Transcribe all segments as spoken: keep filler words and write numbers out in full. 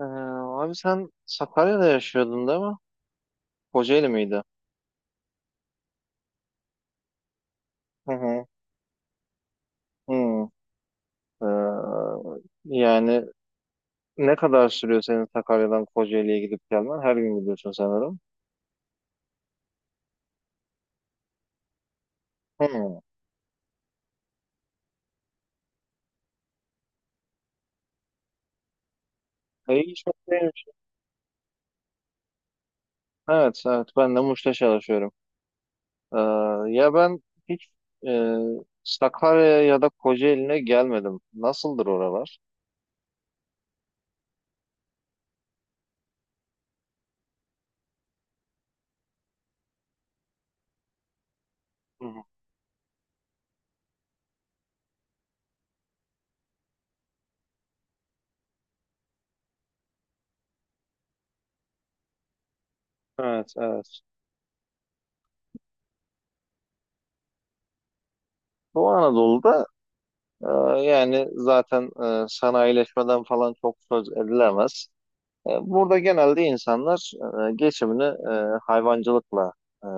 Ee, abi sen Sakarya'da yaşıyordun değil mi? Kocaeli miydi? Hı hı. Hı. Ee, Yani ne kadar sürüyor senin Sakarya'dan Kocaeli'ye gidip gelmen? Her gün gidiyorsun sanırım. Hı. E, iyi çok değilmiş. Evet, evet. Ben de Muş'ta çalışıyorum. Ee, Ya ben hiç e, Sakarya'ya ya da Kocaeli'ne gelmedim. Nasıldır oralar? Hı hı. Evet, evet. Doğu Anadolu'da, e, yani zaten e, sanayileşmeden falan çok söz edilemez. E, Burada genelde insanlar e, geçimini e, hayvancılıkla e,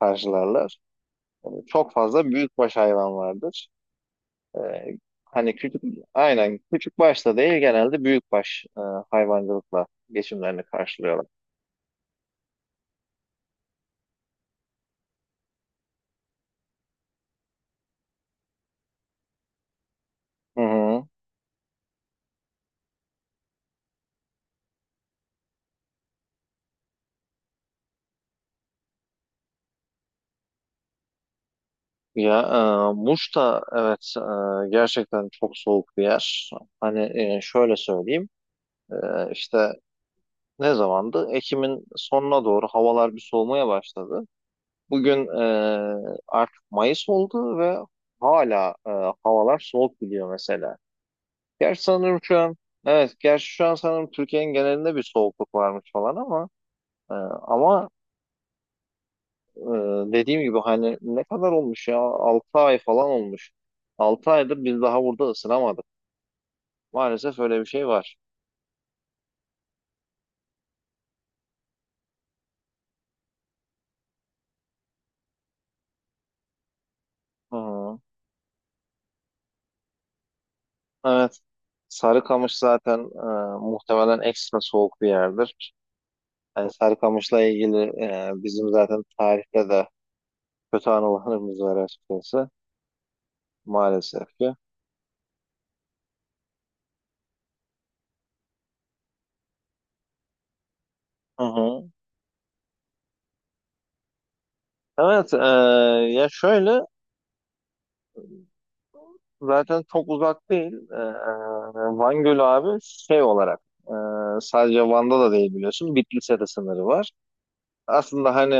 karşılarlar. Çok fazla büyükbaş hayvan vardır. E, Hani küçük, aynen küçük başta değil genelde büyükbaş e, hayvancılıkla geçimlerini karşılıyorlar. Hı hı. Ya, e, Muş da evet, e, gerçekten çok soğuk bir yer. Hani e, şöyle söyleyeyim, e, işte ne zamandı? Ekim'in sonuna doğru havalar bir soğumaya başladı. Bugün e, artık Mayıs oldu ve hala e, havalar soğuk gidiyor mesela. Gerçi sanırım şu an, evet, gerçi şu an sanırım Türkiye'nin genelinde bir soğukluk varmış falan ama e, ama e, dediğim gibi hani ne kadar olmuş, ya altı ay falan olmuş. Altı aydır biz daha burada ısınamadık. Maalesef öyle bir şey var. Hı hı. Evet. Sarıkamış zaten e, muhtemelen ekstra soğuk bir yerdir. Yani Sarıkamış'la ilgili e, bizim zaten tarihte de kötü anılarımız var açıkçası, maalesef ki. Hı hı. Evet, e, ya şöyle, zaten çok uzak değil. E, Van Gölü abi şey olarak e, sadece Van'da da değil, biliyorsun. Bitlis'e de sınırı var. Aslında hani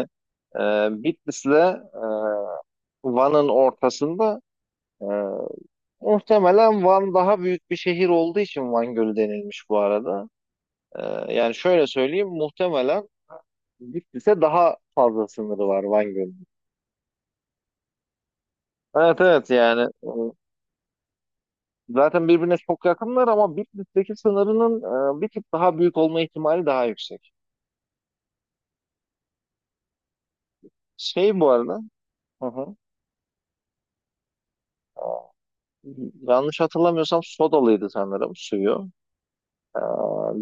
e, Bitlis'le e, Van'ın ortasında e, muhtemelen Van daha büyük bir şehir olduğu için Van Gölü denilmiş bu arada. E, Yani şöyle söyleyeyim, muhtemelen Bitlis'e daha fazla sınırı var Van Gölü. Evet, evet, yani e, zaten birbirine çok yakınlar, ama Bitlis'teki sınırının e, bir tık daha büyük olma ihtimali daha yüksek. Şey, bu arada, hı hı. e, Yanlış hatırlamıyorsam sodalıydı sanırım suyu. E,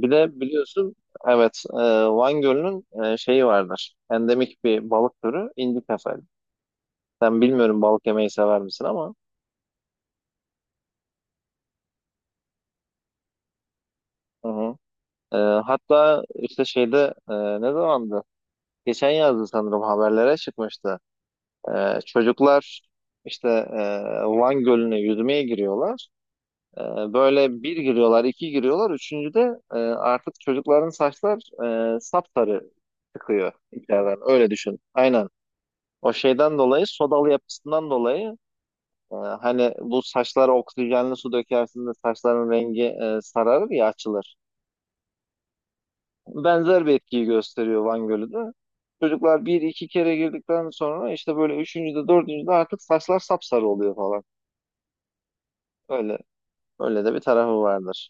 Bir de biliyorsun, evet, e, Van Gölü'nün e, şeyi vardır. Endemik bir balık türü indi kefali. Ben bilmiyorum balık yemeyi sever misin ama. Hı hı. E, Hatta işte şeyde, e, ne zamandı? Geçen yazdı sanırım, haberlere çıkmıştı. Ee, çocuklar işte, e, Van Gölü'ne yüzmeye giriyorlar. Ee, Böyle bir giriyorlar, iki giriyorlar. Üçüncüde e, artık çocukların saçlar e, sapsarı çıkıyor içeriden. Öyle düşün. Aynen. O şeyden dolayı, sodalı yapısından dolayı e, hani bu saçlara oksijenli su dökersin de saçların rengi e, sararır ya, açılır. Benzer bir etkiyi gösteriyor Van Gölü de. Çocuklar bir iki kere girdikten sonra işte böyle üçüncüde, dördüncüde artık saçlar sapsarı oluyor falan. Öyle Öyle de bir tarafı vardır.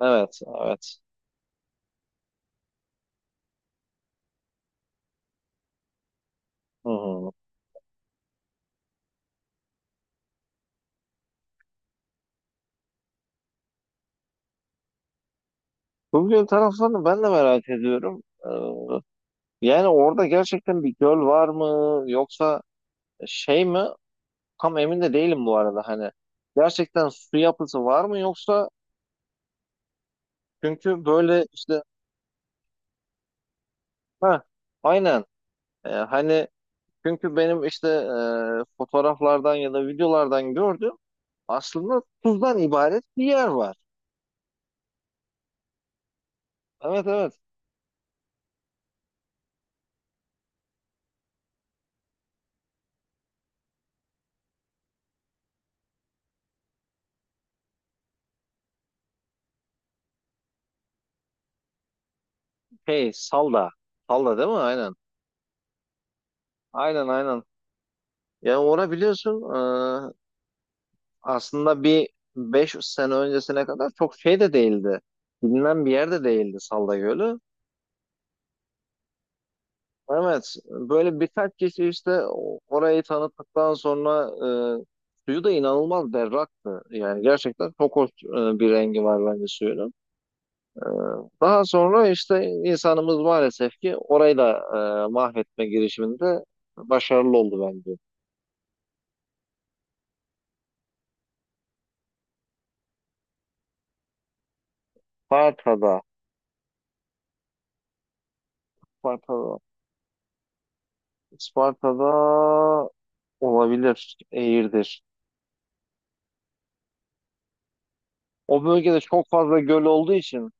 Evet, evet. Hı hı. Bugün taraflarını ben de merak ediyorum. Ee, yani orada gerçekten bir göl var mı yoksa şey mi? Tam emin de değilim bu arada hani. Gerçekten su yapısı var mı, yoksa çünkü böyle işte, ha, aynen. Ee, hani çünkü benim işte e, fotoğraflardan ya da videolardan gördüğüm aslında tuzdan ibaret bir yer var. Evet, evet. Şey Salda. Salda değil mi? Aynen. Aynen, aynen. Yani ona biliyorsun, e, aslında bir beş sene öncesine kadar çok şey de değildi. Bilinen bir yer de değildi Salda Gölü. Evet, böyle birkaç kişi işte o- orayı tanıttıktan sonra e, suyu da inanılmaz berraktı. Yani gerçekten çok hoş e, bir rengi var bence suyunun. Daha sonra işte insanımız maalesef ki orayı da e, mahvetme girişiminde başarılı oldu bence. Sparta'da, Sparta'da, Sparta'da Olabilir. Eğirdir. O bölgede çok fazla göl olduğu için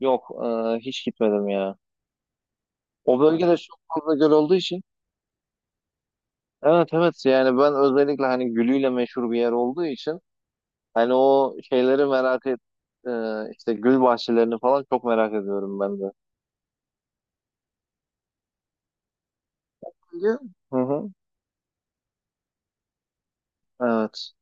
yok, e, hiç gitmedim ya. O bölgede çok fazla göl olduğu için, evet, evet, yani ben özellikle hani gülüyle meşhur bir yer olduğu için, hani o şeyleri merak et, e, işte gül bahçelerini falan çok merak ediyorum ben de. Bölge? Hı hı. Evet.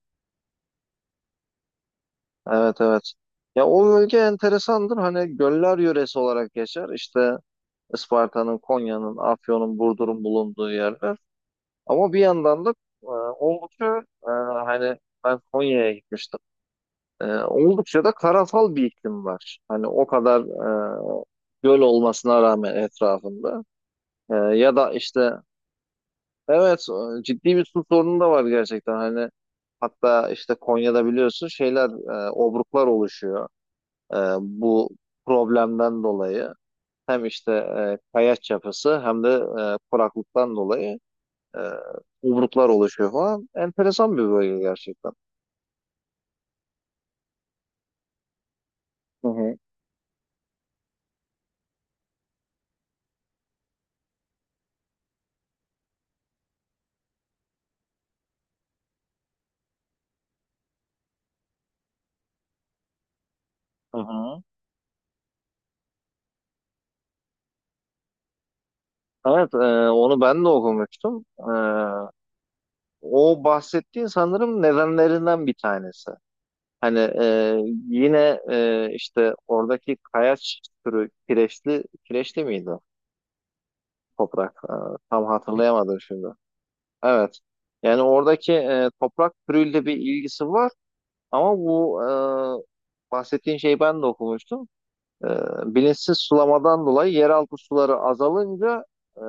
Evet, evet. Ya o bölge enteresandır. Hani göller yöresi olarak geçer. İşte Isparta'nın, Konya'nın, Afyon'un, Burdur'un bulunduğu yerler. Ama bir yandan da e, oldukça, e, hani ben Konya'ya gitmiştim. E, oldukça da karasal bir iklim var. Hani o kadar e, göl olmasına rağmen etrafında. E, ya da işte, evet, e, ciddi bir su sorunu da var gerçekten. Hani hatta işte Konya'da biliyorsun şeyler, e, obruklar oluşuyor. E, bu problemden dolayı. Hem işte e, kayaç yapısı, hem de e, kuraklıktan dolayı. E, Obruklar oluşuyor falan. Enteresan bir bölge gerçekten. Hı hı. Hı hı. Evet, e, onu ben de okumuştum. E, o bahsettiğin sanırım nedenlerinden bir tanesi. Hani e, yine e, işte oradaki kayaç türü kireçli, kireçli miydi o toprak? E, tam hatırlayamadım şimdi. Evet. Yani oradaki e, toprak türüyle bir ilgisi var ama bu, e, bahsettiğin şeyi ben de okumuştum. E, Bilinçsiz sulamadan dolayı yeraltı suları azalınca e,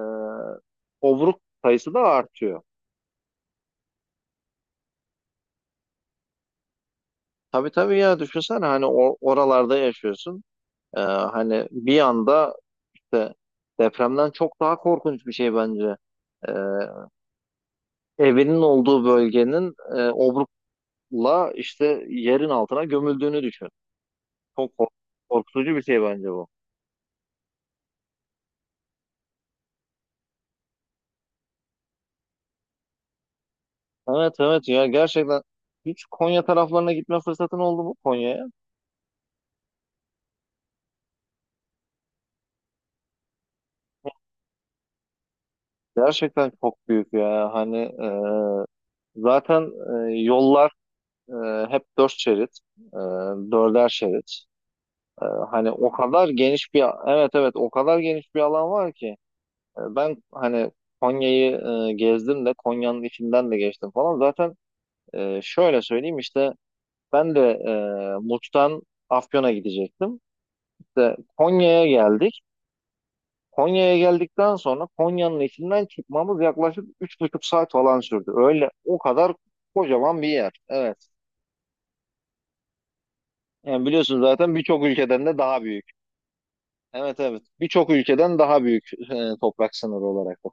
obruk sayısı da artıyor. Tabii, tabii ya, düşünsene hani o- oralarda yaşıyorsun. E, hani bir anda işte, depremden çok daha korkunç bir şey bence. E, Evinin olduğu bölgenin e, obrukla işte yerin altına gömüldüğünü düşün. Çok kork- korkutucu bir şey bence bu. Evet, evet ya, gerçekten hiç Konya taraflarına gitme fırsatın oldu mu, Konya'ya? Gerçekten çok büyük ya. Hani e, zaten e, yollar e, hep dört şerit, e, dörder şerit. E, Hani o kadar geniş bir, evet evet, o kadar geniş bir alan var ki. E, ben hani Konya'yı e, gezdim de Konya'nın içinden de geçtim falan. Zaten e, şöyle söyleyeyim işte ben de e, Muş'tan Afyon'a gidecektim. İşte Konya'ya geldik. Konya'ya geldikten sonra Konya'nın içinden çıkmamız yaklaşık üç buçuk saat falan sürdü. Öyle o kadar kocaman bir yer. Evet. Yani biliyorsun zaten birçok ülkeden de daha büyük. Evet, evet. Birçok ülkeden daha büyük e, toprak sınırı olarak da.